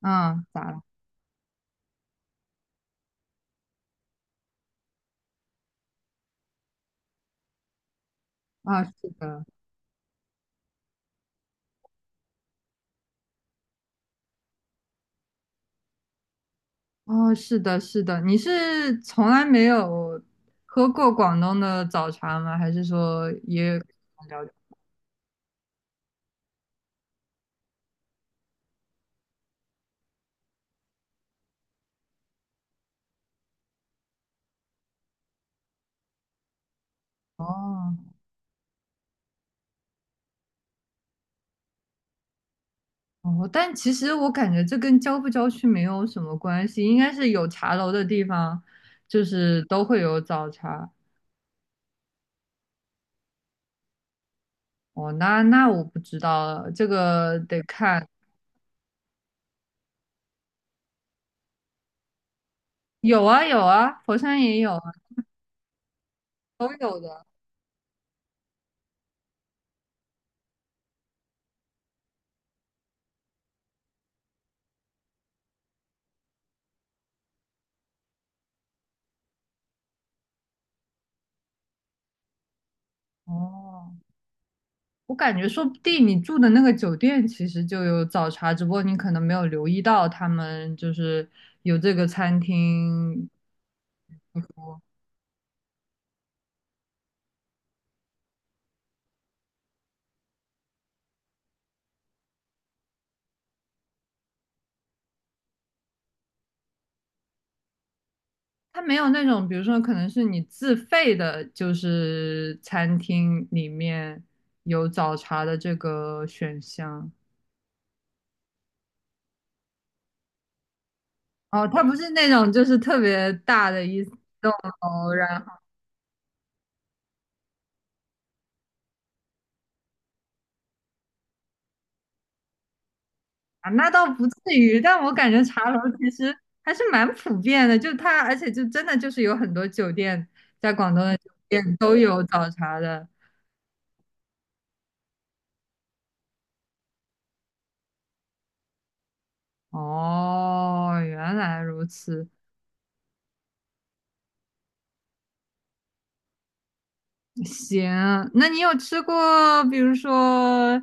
嗯，咋了？啊，是的。哦，是的，是的，你是从来没有喝过广东的早茶吗？还是说也了解？哦，哦，但其实我感觉这跟郊不郊区没有什么关系，应该是有茶楼的地方，就是都会有早茶。哦，那我不知道了，这个得看。有啊有啊，佛山也有啊，都有的。哦。我感觉说不定你住的那个酒店其实就有早茶，只不过你可能没有留意到他们就是有这个餐厅。他没有那种，比如说可能是你自费的，就是餐厅里面有早茶的这个选项。哦，他不是那种就是特别大的一栋楼。然啊，那倒不至于，但我感觉茶楼其实还是蛮普遍的，就它，而且就真的就是有很多酒店，在广东的酒店都有早茶的。哦，原来如此。行，那你有吃过，比如说，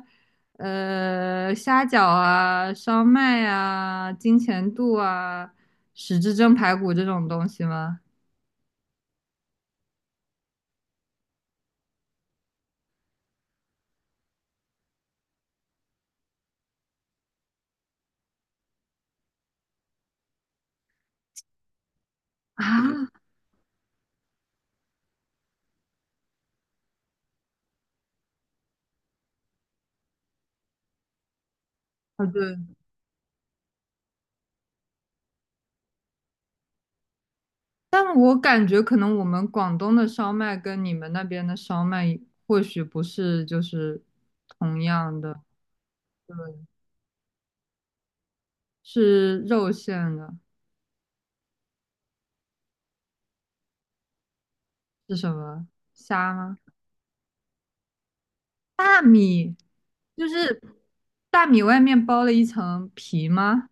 虾饺啊、烧麦啊、金钱肚啊、十字蒸排骨这种东西吗？啊，哦，对。但我感觉可能我们广东的烧麦跟你们那边的烧麦或许不是就是同样的。对，是肉馅的。是什么？虾吗？大米，就是大米外面包了一层皮吗？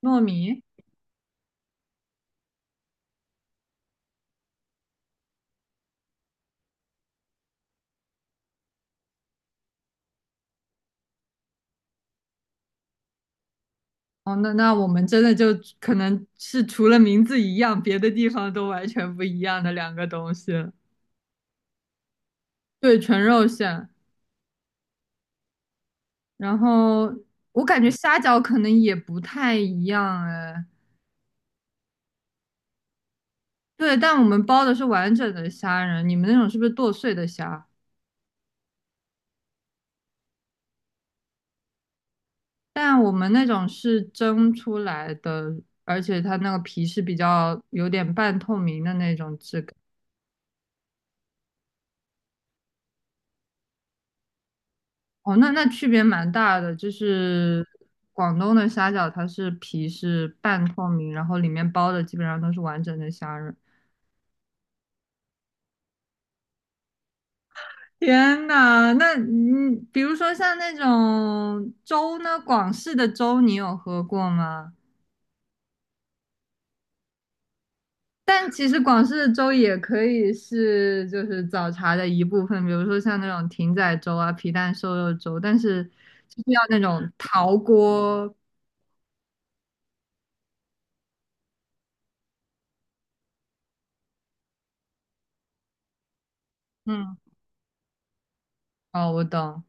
糯米？哦，那那我们真的就可能是除了名字一样，别的地方都完全不一样的两个东西了。对，纯肉馅。然后我感觉虾饺可能也不太一样哎。对，但我们包的是完整的虾仁，你们那种是不是剁碎的虾？但我们那种是蒸出来的，而且它那个皮是比较有点半透明的那种质感。哦，那那区别蛮大的，就是广东的虾饺它是皮是半透明，然后里面包的基本上都是完整的虾仁。天呐，那嗯，比如说像那种粥呢，广式的粥你有喝过吗？但其实广式的粥也可以是就是早茶的一部分，比如说像那种艇仔粥啊、皮蛋瘦肉粥，但是就是要那种陶锅。嗯，哦，我懂。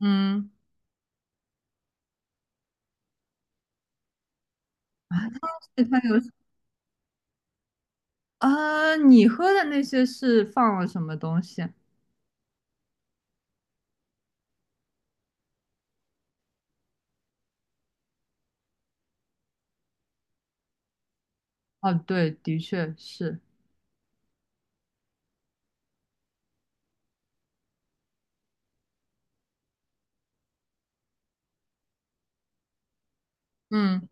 嗯，啊，它它有呃，啊你喝的那些是放了什么东西啊？哦，对，的确是。嗯，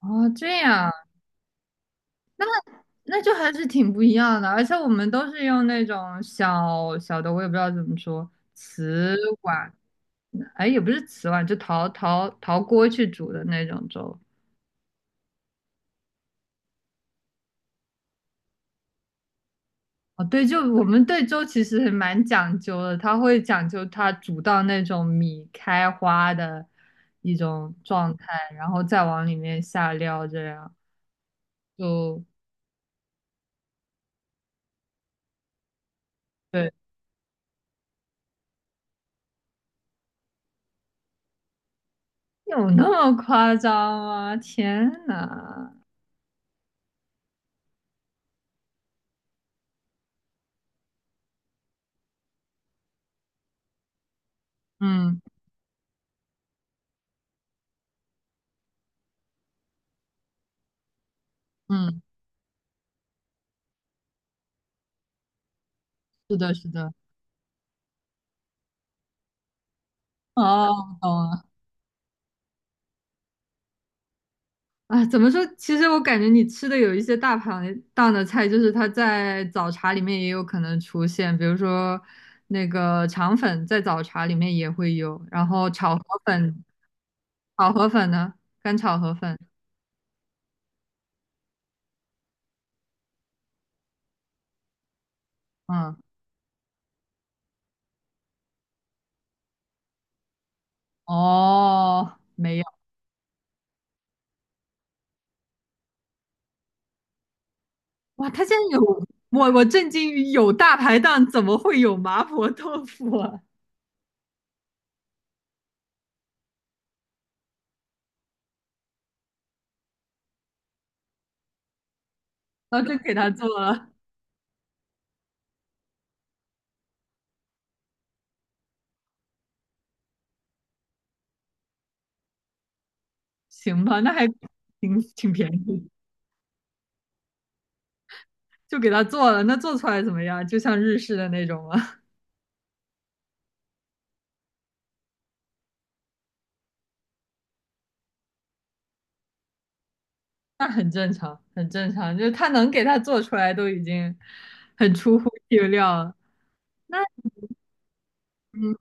哦，这样。那。那就还是挺不一样的，而且我们都是用那种小小的，我也不知道怎么说，瓷碗，哎，也不是瓷碗，就陶锅去煮的那种粥。哦，对，就我们对粥其实还蛮讲究的，它会讲究它煮到那种米开花的一种状态，然后再往里面下料，这样就对，有那么夸张吗？天呐，嗯嗯，是的，是的。哦，懂了。啊，怎么说？其实我感觉你吃的有一些大排档的菜，就是它在早茶里面也有可能出现，比如说那个肠粉在早茶里面也会有，然后炒河粉，炒河粉呢，干炒河粉。嗯，哦，没有。哇，它竟然有，我震惊于有大排档怎么会有麻婆豆腐啊？然后就给他做了。行吧，那还挺便宜。就给他做了，那做出来怎么样？就像日式的那种吗？那很正常，很正常，就是他能给他做出来都已经很出乎意料了。那嗯，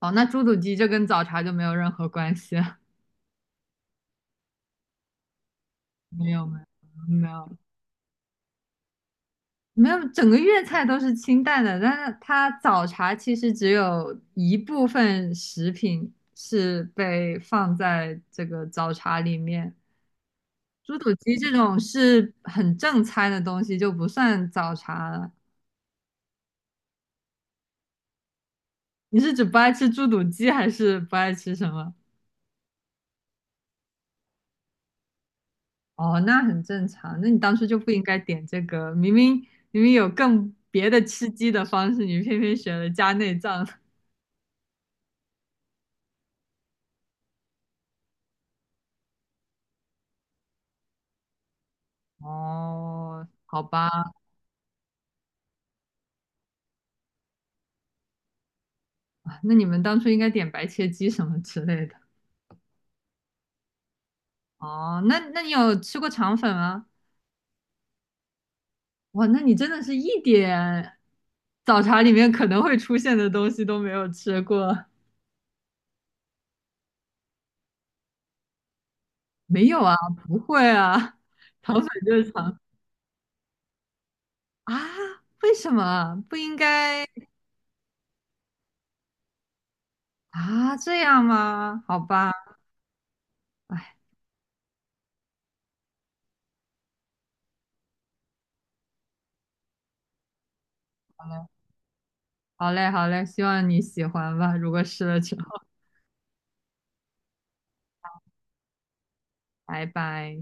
哦，那猪肚鸡就跟早茶就没有任何关系了。没有没有没有没有，整个粤菜都是清淡的，但是它早茶其实只有一部分食品是被放在这个早茶里面，猪肚鸡这种是很正餐的东西就不算早茶了。你是指不爱吃猪肚鸡，还是不爱吃什么？哦，那很正常。那你当初就不应该点这个，明明有更别的吃鸡的方式，你偏偏选了加内脏。哦，好吧，啊那你们当初应该点白切鸡什么之类的。哦，那那你有吃过肠粉吗？哇，那你真的是一点早茶里面可能会出现的东西都没有吃过。没有啊，不会啊，肠粉就是肠啊，为什么不应该啊？这样吗？好吧。哎，好嘞，好嘞，希望你喜欢吧。如果试了之后，拜拜。